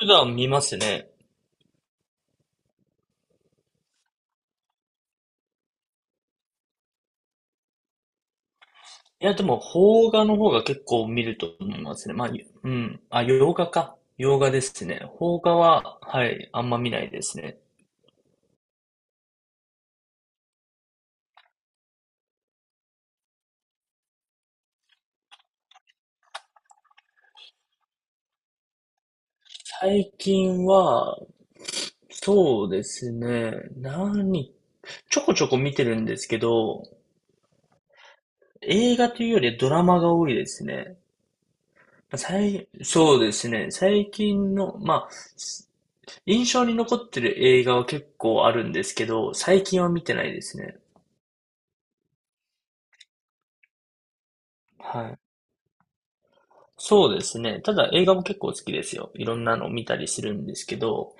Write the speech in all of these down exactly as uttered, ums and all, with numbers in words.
普段見ますね。いや、でも、邦画の方が結構見ると思いますね。まあ、うん。あ、洋画か。洋画ですね。邦画は、はい、あんま見ないですね。最近は、そうですね。何、ちょこちょこ見てるんですけど、映画というよりドラマが多いですね。最、そうですね。最近の、まあ、印象に残ってる映画は結構あるんですけど、最近は見てないですね。はい。そうですね。ただ映画も結構好きですよ。いろんなの見たりするんですけど、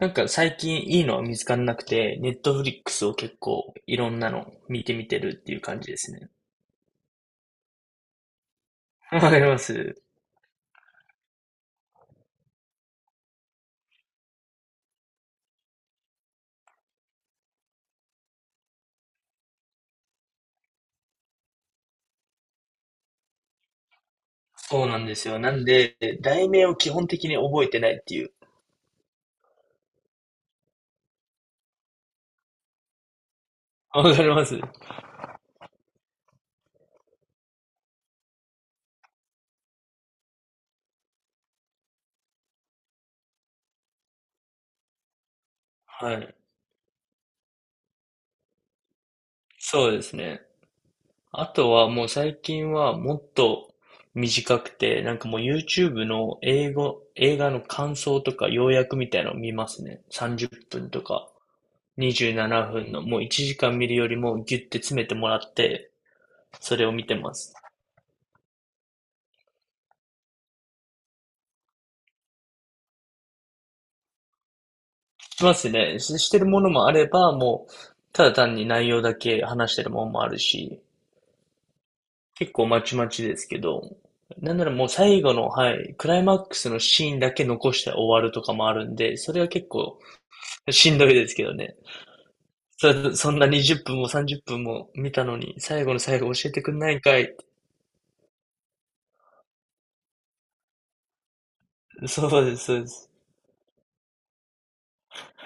なんか最近いいのは見つからなくて、ネットフリックスを結構いろんなの見てみてるっていう感じですね。わかります。そうなんですよ。なんで、題名を基本的に覚えてないっていう。わかります、はい。そうですね。あとはもう最近はもっと短くて、なんかもう YouTube の英語、映画の感想とか要約みたいなのを見ますね。さんじゅっぷんとか。にじゅうななふんの、もういちじかん見るよりもギュッて詰めてもらって、それを見てます。しますね。し、してるものもあれば、もう、ただ単に内容だけ話してるものもあるし、結構まちまちですけど、なんならもう最後の、はい、クライマックスのシーンだけ残して終わるとかもあるんで、それは結構しんどいですけどね。そ、そんなにじゅっぷんもさんじゅっぷんも見たのに、最後の最後教えてくんないんかい。そうです、そうです。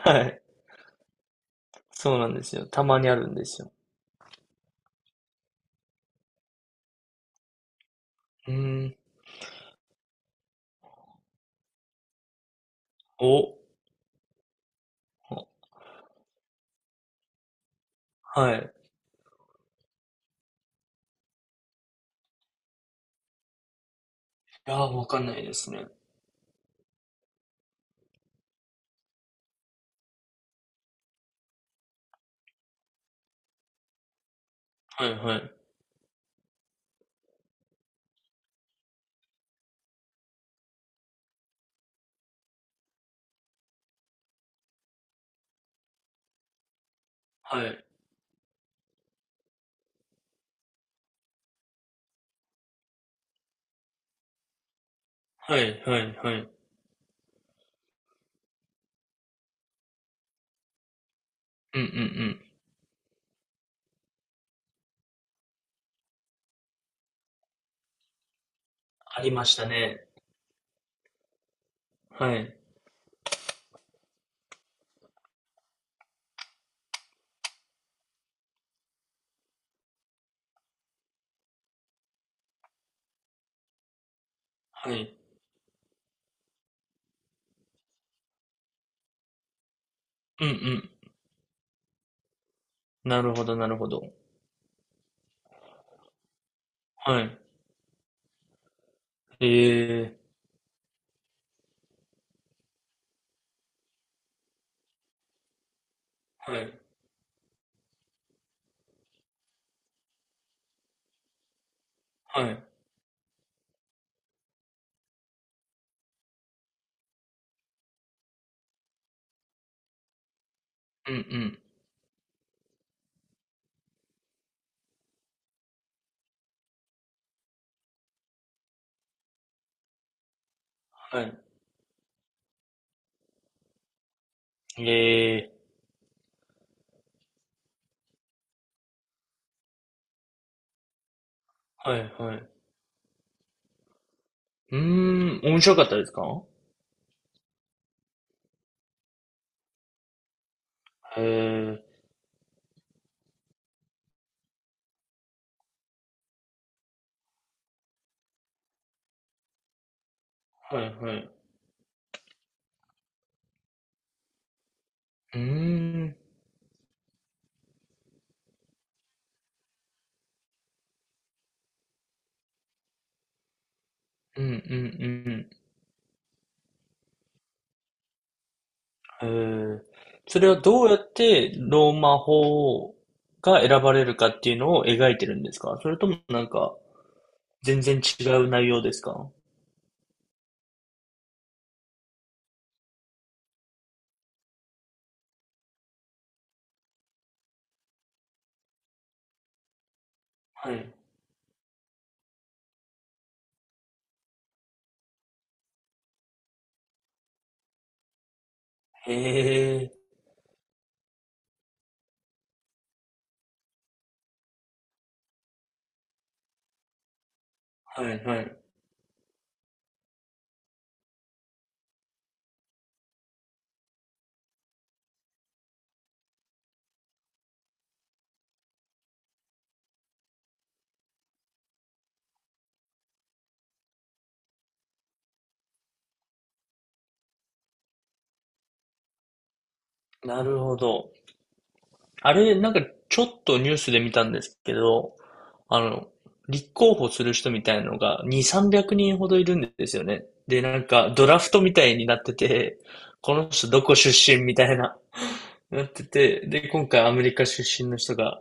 はい。そうなんですよ。たまにあるんですよ。うーん。お、はい。いやー、わかんないですね。はいはい。はい。はいはいはい。うんうんうん。ありましたね。はい。はい。うんうん。なるほどなるほど。はい。ええ、はい。はい。うんうん。はい。ええ、はいはい。うーん、面白かったですか？へえ、はいはい。うーん。うんうんうん、へえ。それはどうやってローマ法が選ばれるかっていうのを描いてるんですか？それともなんか全然違う内容ですか？はい。へえ。はいはい。なるほど。あれ、なんかちょっとニュースで見たんですけど、あの、立候補する人みたいなのがに、さんびゃくにんほどいるんですよね。で、なんかドラフトみたいになってて、この人どこ出身みたいな、なってて、で、今回アメリカ出身の人が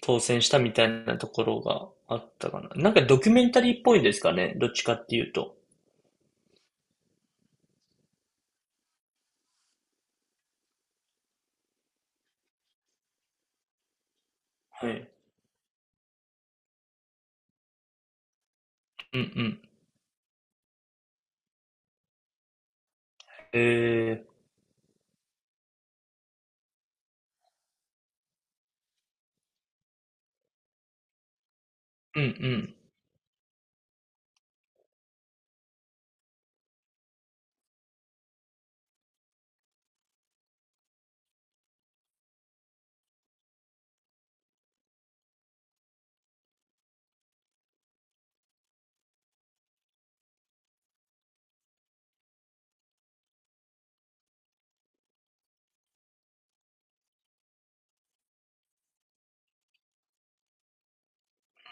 当選したみたいなところがあったかな。なんかドキュメンタリーっぽいですかね、どっちかっていうと。はい。うんうん。えー、うん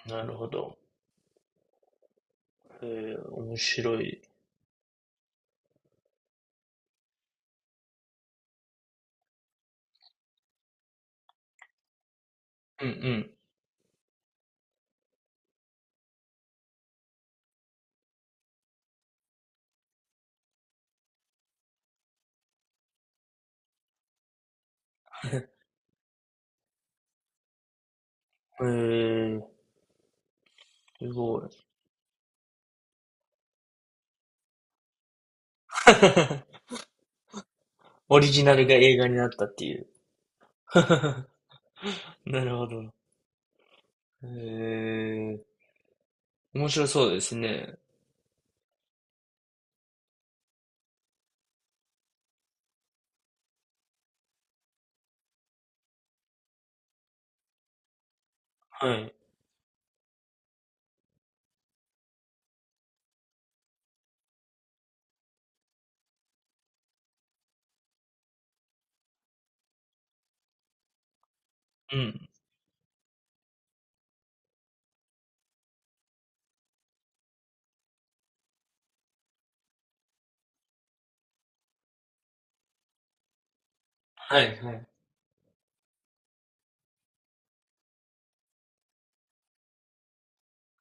うん。なるほど。えー、面白い。うんうん。えー、すごい。オリジナルが映画になったっていう。なるほど。えー、面白そうですね。はい。うん。はいはい。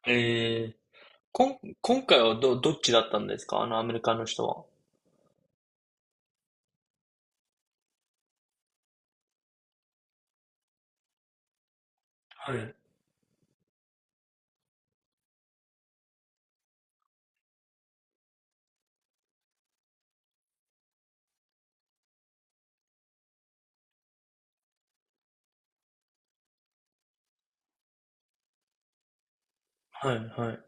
えー、こん、今回はど、どっちだったんですか、あのアメリカの人は？はい。はいはい、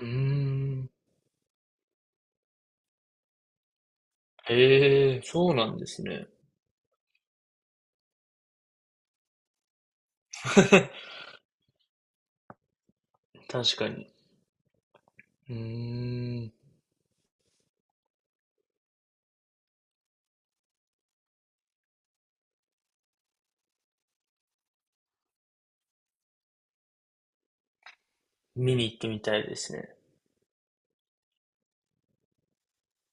うーん。へえ、そうなんですね。確かに。うーん。見に行ってみたいですね。